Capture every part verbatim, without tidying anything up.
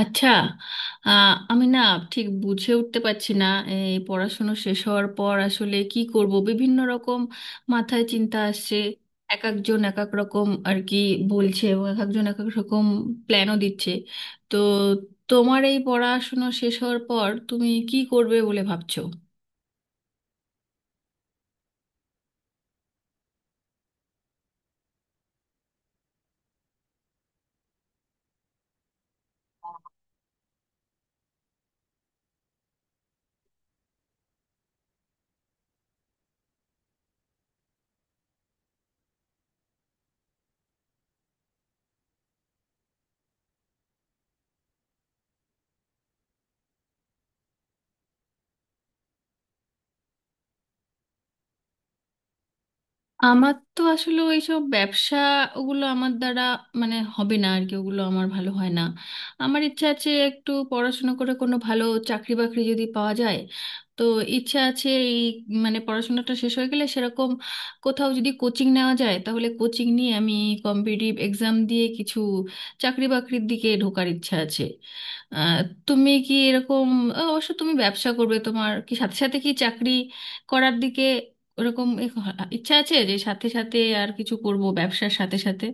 আচ্ছা। আহ, আমি না ঠিক বুঝে উঠতে পারছি না, এই পড়াশুনো শেষ হওয়ার পর আসলে কি করব, বিভিন্ন রকম মাথায় চিন্তা আসছে। এক একজন এক এক রকম আর কি বলছে, এবং এক একজন এক এক রকম প্ল্যানও দিচ্ছে। তো তোমার এই পড়াশুনো শেষ হওয়ার পর তুমি কি করবে বলে ভাবছো? আমার তো আসলে ওইসব ব্যবসা, ওগুলো আমার দ্বারা মানে হবে না আর কি, ওগুলো আমার ভালো হয় না। আমার ইচ্ছা আছে একটু পড়াশোনা করে কোনো ভালো চাকরি বাকরি যদি পাওয়া যায়, তো ইচ্ছা আছে এই, মানে পড়াশোনাটা শেষ হয়ে গেলে সেরকম কোথাও যদি কোচিং নেওয়া যায় তাহলে কোচিং নিয়ে আমি কম্পিটিটিভ এক্সাম দিয়ে কিছু চাকরি বাকরির দিকে ঢোকার ইচ্ছা আছে। আহ, তুমি কি এরকম, অবশ্য তুমি ব্যবসা করবে, তোমার কি সাথে সাথে কি চাকরি করার দিকে ওরকম এক- ইচ্ছা আছে যে সাথে সাথে আর কিছু করব ব্যবসার সাথে সাথে?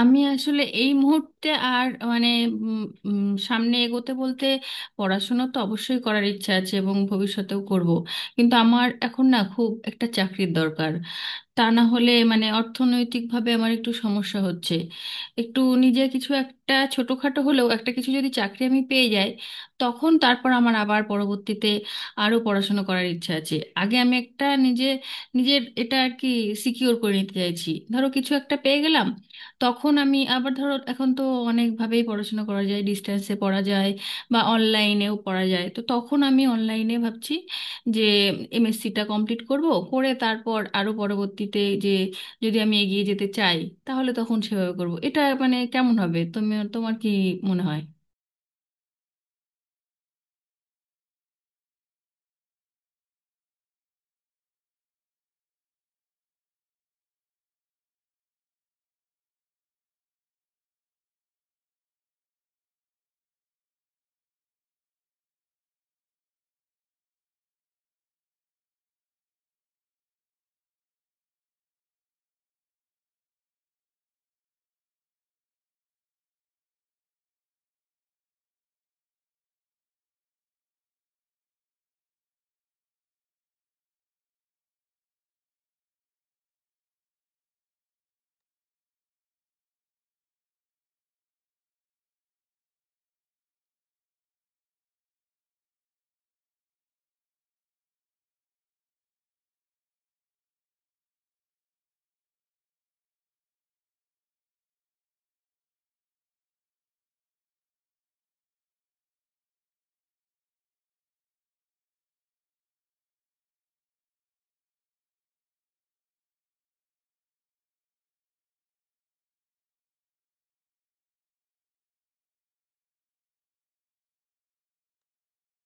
আমি আসলে এই মুহূর্তে আর মানে উম, উম, সামনে এগোতে বলতে, পড়াশোনা তো অবশ্যই করার ইচ্ছা আছে এবং ভবিষ্যতেও করব, কিন্তু আমার এখন না খুব একটা চাকরির দরকার, তা না হলে মানে অর্থনৈতিকভাবে আমার একটু সমস্যা হচ্ছে। একটু নিজে কিছু একটা ছোটখাটো হলেও একটা কিছু যদি চাকরি আমি পেয়ে যাই, তখন তারপর আমার আবার পরবর্তীতে আরও পড়াশোনা করার ইচ্ছা আছে। আগে আমি একটা নিজে, নিজের এটা আর কি সিকিওর করে নিতে চাইছি। ধরো কিছু একটা পেয়ে গেলাম, তখন আমি আবার ধরো এখন তো অনেকভাবেই পড়াশোনা করা যায়, ডিস্টেন্সে পড়া যায় বা অনলাইনেও পড়া যায়, তো তখন আমি অনলাইনে ভাবছি যে এমএসসিটা কমপ্লিট করব। করে তারপর আরো পরবর্তীতে যে যদি আমি এগিয়ে যেতে চাই তাহলে তখন সেভাবে করব। এটা মানে কেমন হবে, তুমি তোমার কি মনে হয়?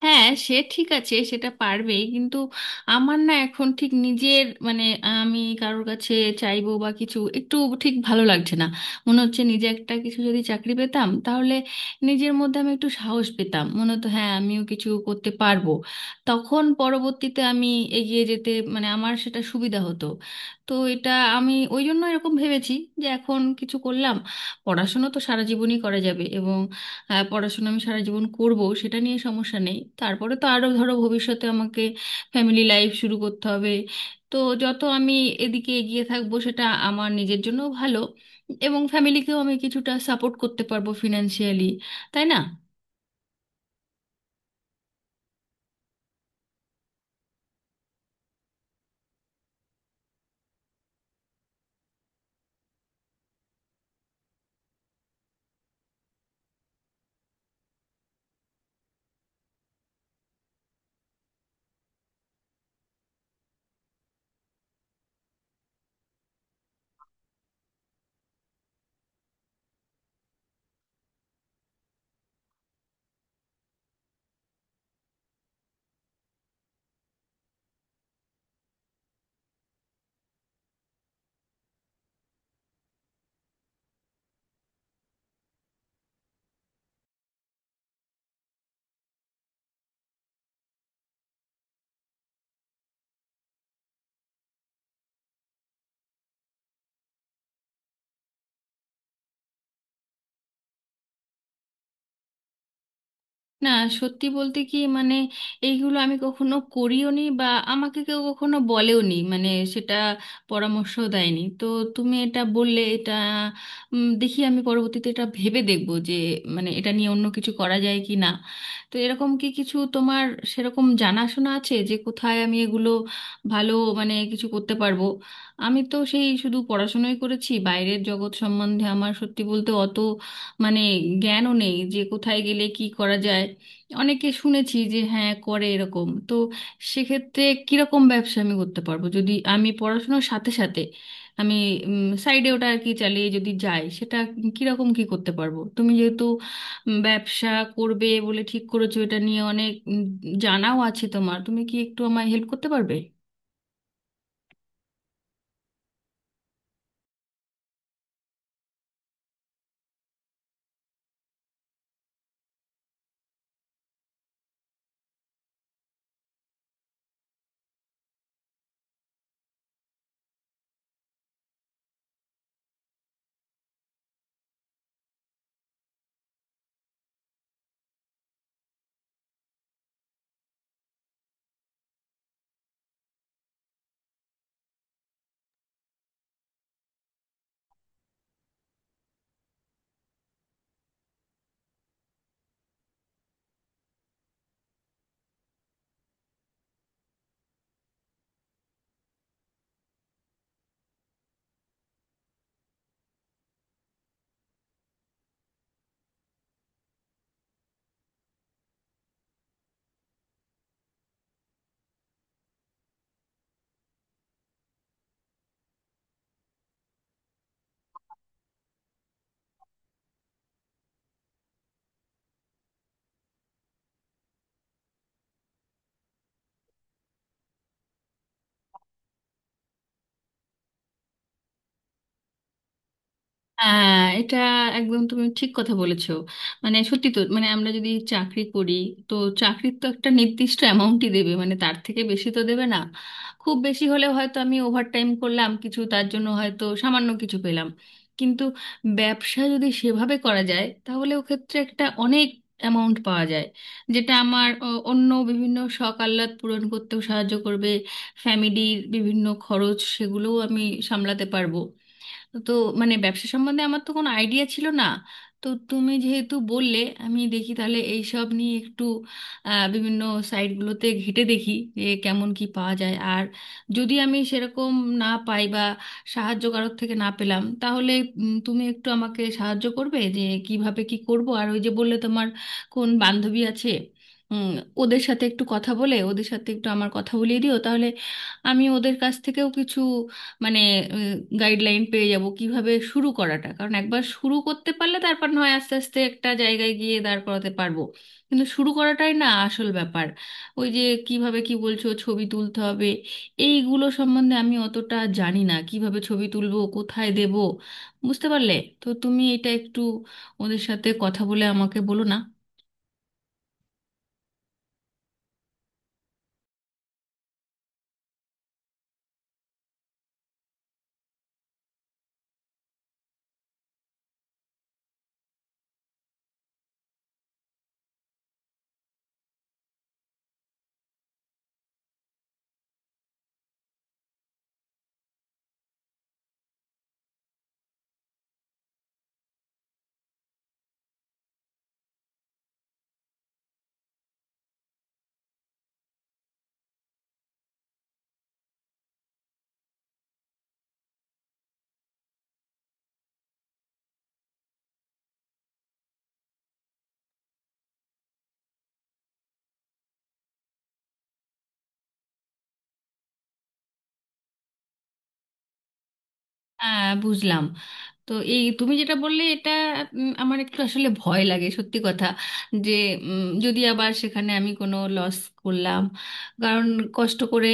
হ্যাঁ, সে ঠিক আছে, সেটা পারবেই, কিন্তু আমার না এখন ঠিক নিজের মানে আমি কারোর কাছে চাইবো বা কিছু, একটু ঠিক ভালো লাগছে না। মনে হচ্ছে নিজে একটা কিছু যদি চাকরি পেতাম তাহলে নিজের মধ্যে আমি একটু সাহস পেতাম, মনে হতো হ্যাঁ আমিও কিছু করতে পারবো। তখন পরবর্তীতে আমি এগিয়ে যেতে মানে আমার সেটা সুবিধা হতো। তো এটা আমি ওই জন্য এরকম ভেবেছি যে এখন কিছু করলাম, পড়াশুনো তো সারা জীবনই করা যাবে। এবং হ্যাঁ, পড়াশোনা আমি সারা জীবন করব, সেটা নিয়ে সমস্যা নেই। তারপরে তো আরো ধরো ভবিষ্যতে আমাকে ফ্যামিলি লাইফ শুরু করতে হবে, তো যত আমি এদিকে এগিয়ে থাকবো সেটা আমার নিজের জন্য ভালো, এবং ফ্যামিলিকেও আমি কিছুটা সাপোর্ট করতে পারবো ফিনান্সিয়ালি, তাই না? না, সত্যি বলতে কি মানে এইগুলো আমি কখনো করিওনি বা আমাকে কেউ কখনো বলেওনি, মানে সেটা পরামর্শ দেয়নি। তো তুমি এটা বললে, এটা উম, দেখি আমি পরবর্তীতে এটা ভেবে দেখবো যে মানে এটা নিয়ে অন্য কিছু করা যায় কি না। তো এরকম কি কিছু তোমার সেরকম জানাশোনা আছে যে কোথায় আমি এগুলো ভালো মানে কিছু করতে পারবো? আমি তো সেই শুধু পড়াশোনাই করেছি, বাইরের জগৎ সম্বন্ধে আমার সত্যি বলতে অত মানে জ্ঞানও নেই যে কোথায় গেলে কি করা যায়। অনেকে শুনেছি যে হ্যাঁ করে এরকম, তো সেক্ষেত্রে কিরকম ব্যবসা আমি করতে পারবো, যদি আমি পড়াশোনার সাথে সাথে আমি সাইডে ওটা আর কি চালিয়ে যদি যাই সেটা কিরকম কি করতে পারবো? তুমি যেহেতু উম, ব্যবসা করবে বলে ঠিক করেছো, এটা নিয়ে অনেক উম, জানাও আছে তোমার, তুমি কি একটু আমায় হেল্প করতে পারবে? হ্যাঁ, এটা একদম তুমি ঠিক কথা বলেছো। মানে সত্যি তো, মানে আমরা যদি চাকরি করি, তো চাকরির তো একটা নির্দিষ্ট অ্যামাউন্টই দেবে, মানে তার থেকে বেশি তো দেবে না। খুব বেশি হলে হয়তো আমি ওভারটাইম করলাম কিছু, তার জন্য হয়তো সামান্য কিছু পেলাম। কিন্তু ব্যবসা যদি সেভাবে করা যায় তাহলে ও ক্ষেত্রে একটা অনেক অ্যামাউন্ট পাওয়া যায়, যেটা আমার অ, অন্য বিভিন্ন শখ আহ্লাদ পূরণ করতেও সাহায্য করবে। ফ্যামিলির বিভিন্ন খরচ সেগুলোও আমি সামলাতে পারবো। তো মানে ব্যবসা সম্বন্ধে আমার তো কোনো আইডিয়া ছিল না, তো তুমি যেহেতু বললে আমি দেখি তাহলে এই সব নিয়ে একটু আহ, বিভিন্ন সাইটগুলোতে ঘেঁটে দেখি যে কেমন কি পাওয়া যায়। আর যদি আমি সেরকম না পাই বা সাহায্য কারোর থেকে না পেলাম তাহলে উম, তুমি একটু আমাকে সাহায্য করবে যে কিভাবে কি করব। আর ওই যে বললে তোমার কোন বান্ধবী আছে, উম, ওদের সাথে একটু কথা বলে ওদের সাথে একটু আমার কথা বলিয়ে দিও, তাহলে আমি ওদের কাছ থেকেও কিছু মানে গাইডলাইন পেয়ে যাব কিভাবে শুরু করাটা। কারণ একবার শুরু করতে পারলে তারপর নয় আস্তে আস্তে একটা জায়গায় গিয়ে দাঁড় করাতে পারবো, কিন্তু শুরু করাটাই না আসল ব্যাপার। ওই যে কিভাবে কি বলছো ছবি তুলতে হবে, এইগুলো সম্বন্ধে আমি অতটা জানি না, কিভাবে ছবি তুলবো কোথায় দেব বুঝতে পারলে। তো তুমি এটা একটু ওদের সাথে কথা বলে আমাকে বলো না। হ্যাঁ বুঝলাম। তো এই তুমি যেটা বললে, এটা উম, আমার একটু আসলে ভয় লাগে সত্যি কথা যে উম, যদি আবার সেখানে আমি কোনো লস করলাম, কারণ কষ্ট করে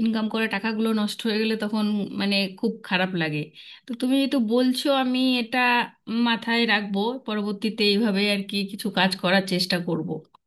ইনকাম করা টাকাগুলো নষ্ট হয়ে গেলে তখন মানে খুব খারাপ লাগে। তো তুমি যেহেতু বলছো আমি এটা মাথায় রাখবো, পরবর্তীতে এইভাবে আর কি কিছু কাজ করার চেষ্টা করব।